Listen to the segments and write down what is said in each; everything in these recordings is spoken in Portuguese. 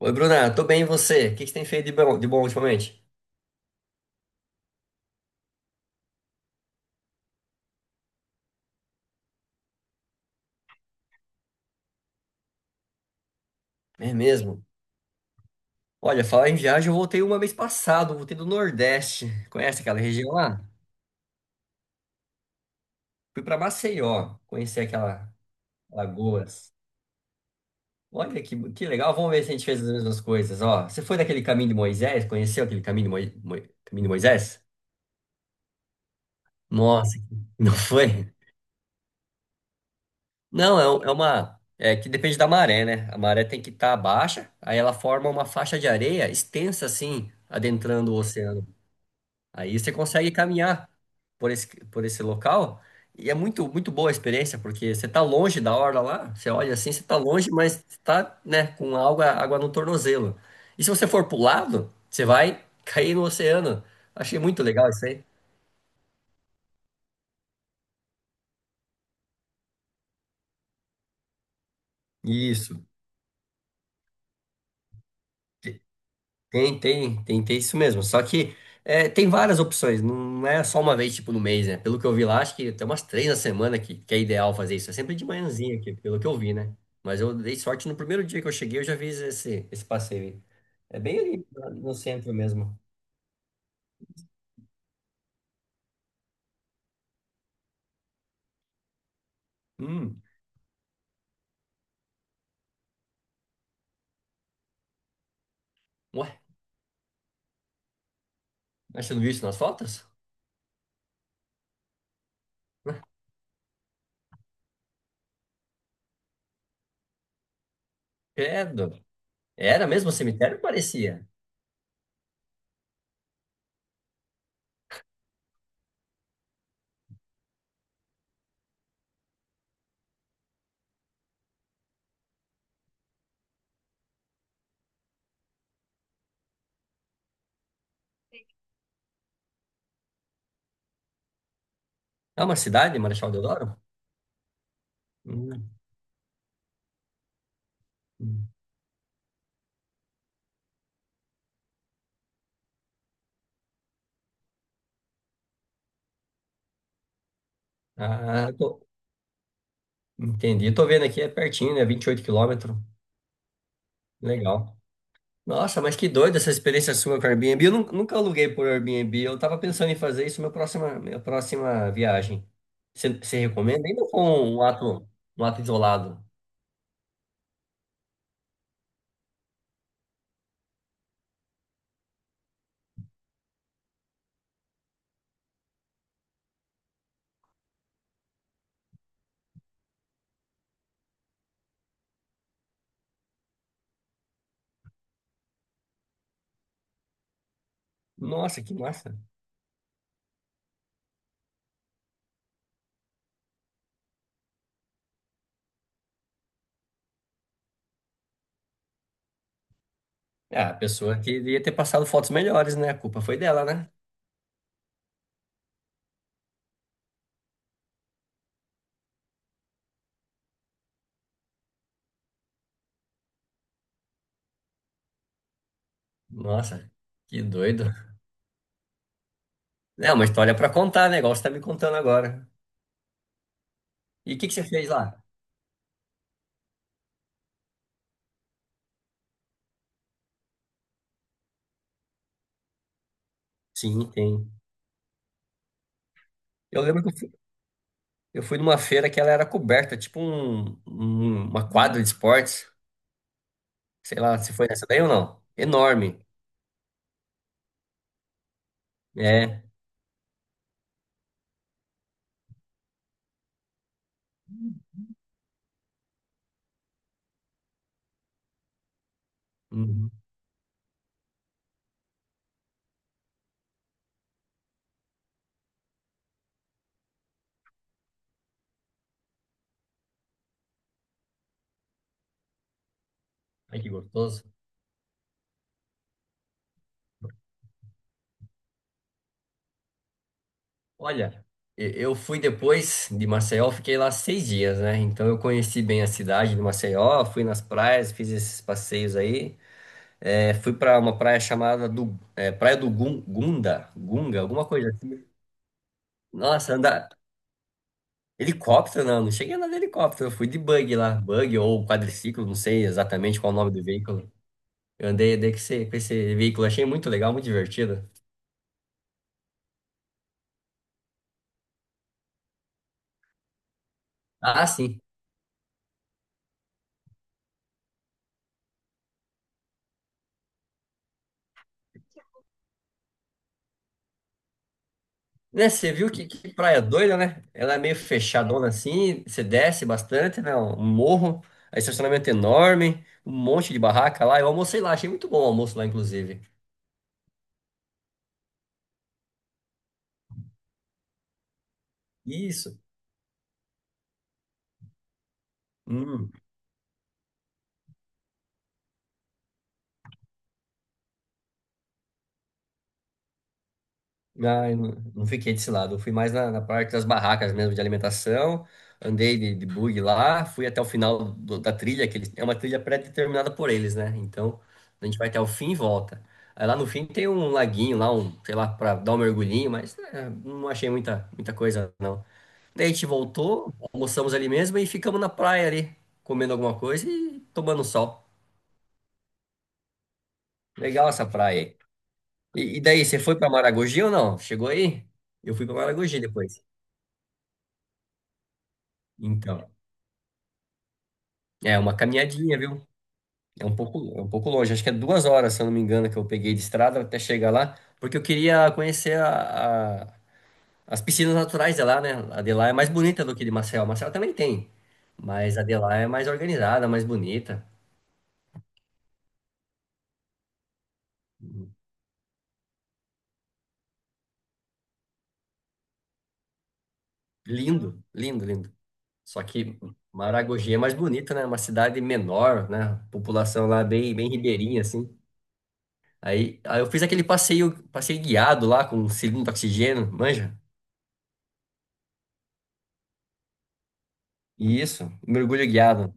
Oi, Bruna, tô bem, e você? O que que você tem feito de bom ultimamente? É mesmo? Olha, falar em viagem, eu voltei uma vez passado, voltei do Nordeste. Conhece aquela região lá? Fui pra Maceió, conheci aquela Lagoas. Olha que legal, vamos ver se a gente fez as mesmas coisas, ó. Você foi naquele caminho de Moisés? Conheceu aquele caminho de, caminho de Moisés? Nossa, não foi? Não, é, é uma... É que depende da maré, né? A maré tem que estar baixa, aí ela forma uma faixa de areia extensa assim, adentrando o oceano. Aí você consegue caminhar por esse local e é muito, muito boa a experiência, porque você tá longe da orla lá, você olha assim, você tá longe, mas tá, né, com água, água no tornozelo. E se você for pro lado, você vai cair no oceano. Achei muito legal isso aí. Isso. Tem isso mesmo. Só que é, tem várias opções, não é só uma vez, tipo, no mês, né? Pelo que eu vi lá, acho que tem umas três na semana que é ideal fazer isso. É sempre de manhãzinha aqui, pelo que eu vi, né? Mas eu dei sorte no primeiro dia que eu cheguei, eu já fiz esse passeio aí. É bem ali no centro mesmo. Hum, ué, mas você não viu isso nas fotos? Credo. Era mesmo o cemitério? Parecia. É uma cidade, Marechal Deodoro? Hum, hum. Ah, tô- entendi. Tô vendo aqui, é pertinho, né? 28 km. Legal. Nossa, mas que doido essa experiência sua com o Airbnb. Eu nunca aluguei por Airbnb. Eu tava pensando em fazer isso na próxima, minha próxima viagem. Você recomenda? Ainda com um ato, um ato isolado. Nossa, que massa. É, a pessoa que ia ter passado fotos melhores, né? A culpa foi dela, né? Nossa, que doido. É uma história pra contar, né? Igual você tá me contando agora. E o que que você fez lá? Sim, tem. Eu lembro que eu fui numa feira que ela era coberta, tipo uma quadra de esportes. Sei lá se foi nessa daí ou não. Enorme. É. Uhum. Ai, que gostoso. Olha, eu fui depois de Maceió, fiquei lá 6 dias, né? Então eu conheci bem a cidade de Maceió, fui nas praias, fiz esses passeios aí. É, fui para uma praia chamada do, é, Praia do Gunga, alguma coisa assim. Nossa, andar. Helicóptero, não, não cheguei a andar de helicóptero, eu fui de bug lá, bug ou quadriciclo, não sei exatamente qual é o nome do veículo. Eu andei, andei com esse veículo, achei muito legal, muito divertido. Ah, sim. Né, você viu que praia doida, né? Ela é meio fechadona assim, você desce bastante, né? Um morro, aí estacionamento enorme, um monte de barraca lá. Eu almocei lá, achei muito bom o almoço lá, inclusive. Isso. Hum. Ah, eu não, Não fiquei desse lado. Eu fui mais na parte das barracas mesmo de alimentação. Andei de bug lá, fui até o final da trilha, que eles, é uma trilha pré-determinada por eles, né? Então, a gente vai até o fim e volta. Aí lá no fim tem um laguinho lá, um, sei lá, para dar um mergulhinho, mas é, não achei muita coisa, não. Daí a gente voltou, almoçamos ali mesmo e ficamos na praia ali, comendo alguma coisa e tomando sol. Legal essa praia aí. E daí, você foi para Maragogi ou não? Chegou aí? Eu fui para Maragogi depois. Então. É uma caminhadinha, viu? É um pouco longe. Acho que é 2 horas, se eu não me engano, que eu peguei de estrada até chegar lá, porque eu queria conhecer as piscinas naturais de lá, né? A de lá é mais bonita do que de Maceió. Maceió também tem, mas a de lá é mais organizada, mais bonita. Lindo, lindo, lindo. Só que Maragogi é mais bonito, né? Uma cidade menor, né? A população lá é bem, bem ribeirinha, assim. Aí eu fiz aquele passeio, passeio guiado lá com um cilindro de oxigênio, manja? Isso, mergulho guiado.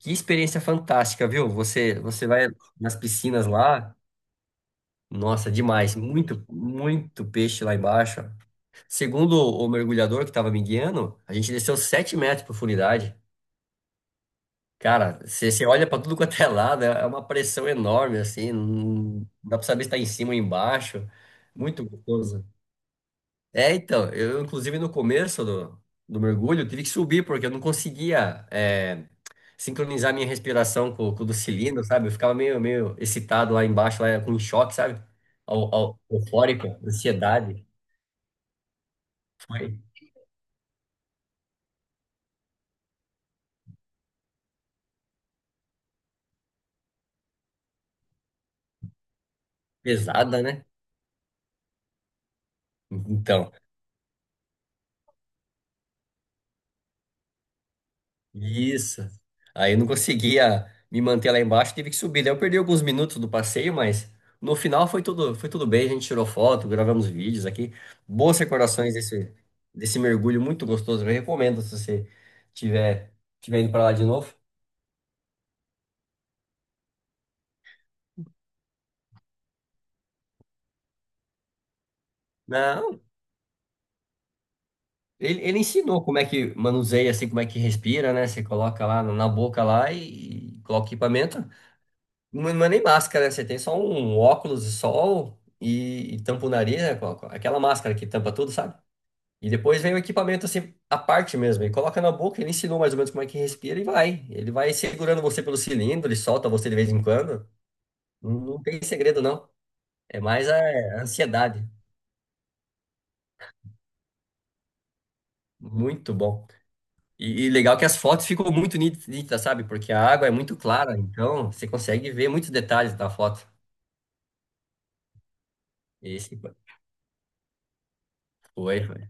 Que experiência fantástica, viu? Você, você vai nas piscinas lá. Nossa, demais. Muito, muito peixe lá embaixo. Segundo o mergulhador que estava me guiando, a gente desceu 7 metros de profundidade. Cara, você olha para tudo quanto é lado, é uma pressão enorme, assim. Não dá para saber se está em cima ou embaixo. Muito gostoso. É, então, eu, inclusive, no começo do mergulho, eu tive que subir, porque eu não conseguia. É, sincronizar minha respiração com o do cilindro, sabe? Eu ficava meio excitado lá embaixo, lá com choque, sabe? Eufórico, ansiedade. Foi pesada, né? Então, isso. Aí eu não conseguia me manter lá embaixo, tive que subir. Daí eu perdi alguns minutos do passeio, mas no final foi tudo bem. A gente tirou foto, gravamos vídeos aqui. Boas recordações desse mergulho muito gostoso. Eu recomendo se você tiver, tiver indo para lá de novo. Não. Ele ensinou como é que manuseia, assim, como é que respira, né? Você coloca lá na boca lá e coloca o equipamento. Não, não é nem máscara, né? Você tem só um óculos de sol e tampa o nariz, né? Com aquela máscara que tampa tudo, sabe? E depois vem o equipamento, assim, à parte mesmo. E coloca na boca, ele ensinou mais ou menos como é que respira e vai. Ele vai segurando você pelo cilindro, ele solta você de vez em quando. Não, não tem segredo, não. É mais a ansiedade. Muito bom. E legal que as fotos ficam muito nítidas, sabe? Porque a água é muito clara, então você consegue ver muitos detalhes da foto. Esse foi.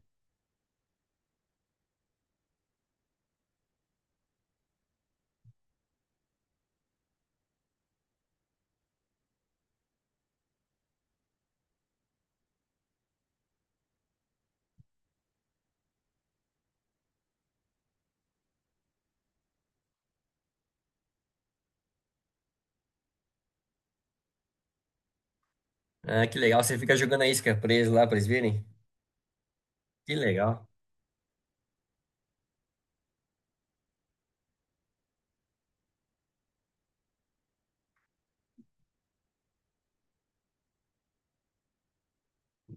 Ah, que legal, você fica jogando a isca preso lá pra eles verem. Que legal.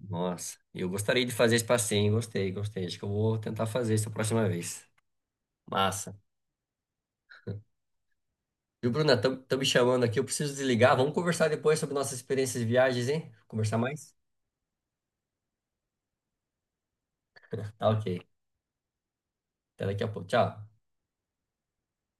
Nossa, eu gostaria de fazer esse passeio, hein? Gostei, gostei. Acho que eu vou tentar fazer isso a próxima vez. Massa. Viu, Bruna? Estão me chamando aqui, eu preciso desligar. Vamos conversar depois sobre nossas experiências de viagens, hein? Conversar mais? Tá ok. Até daqui a pouco. Tchau.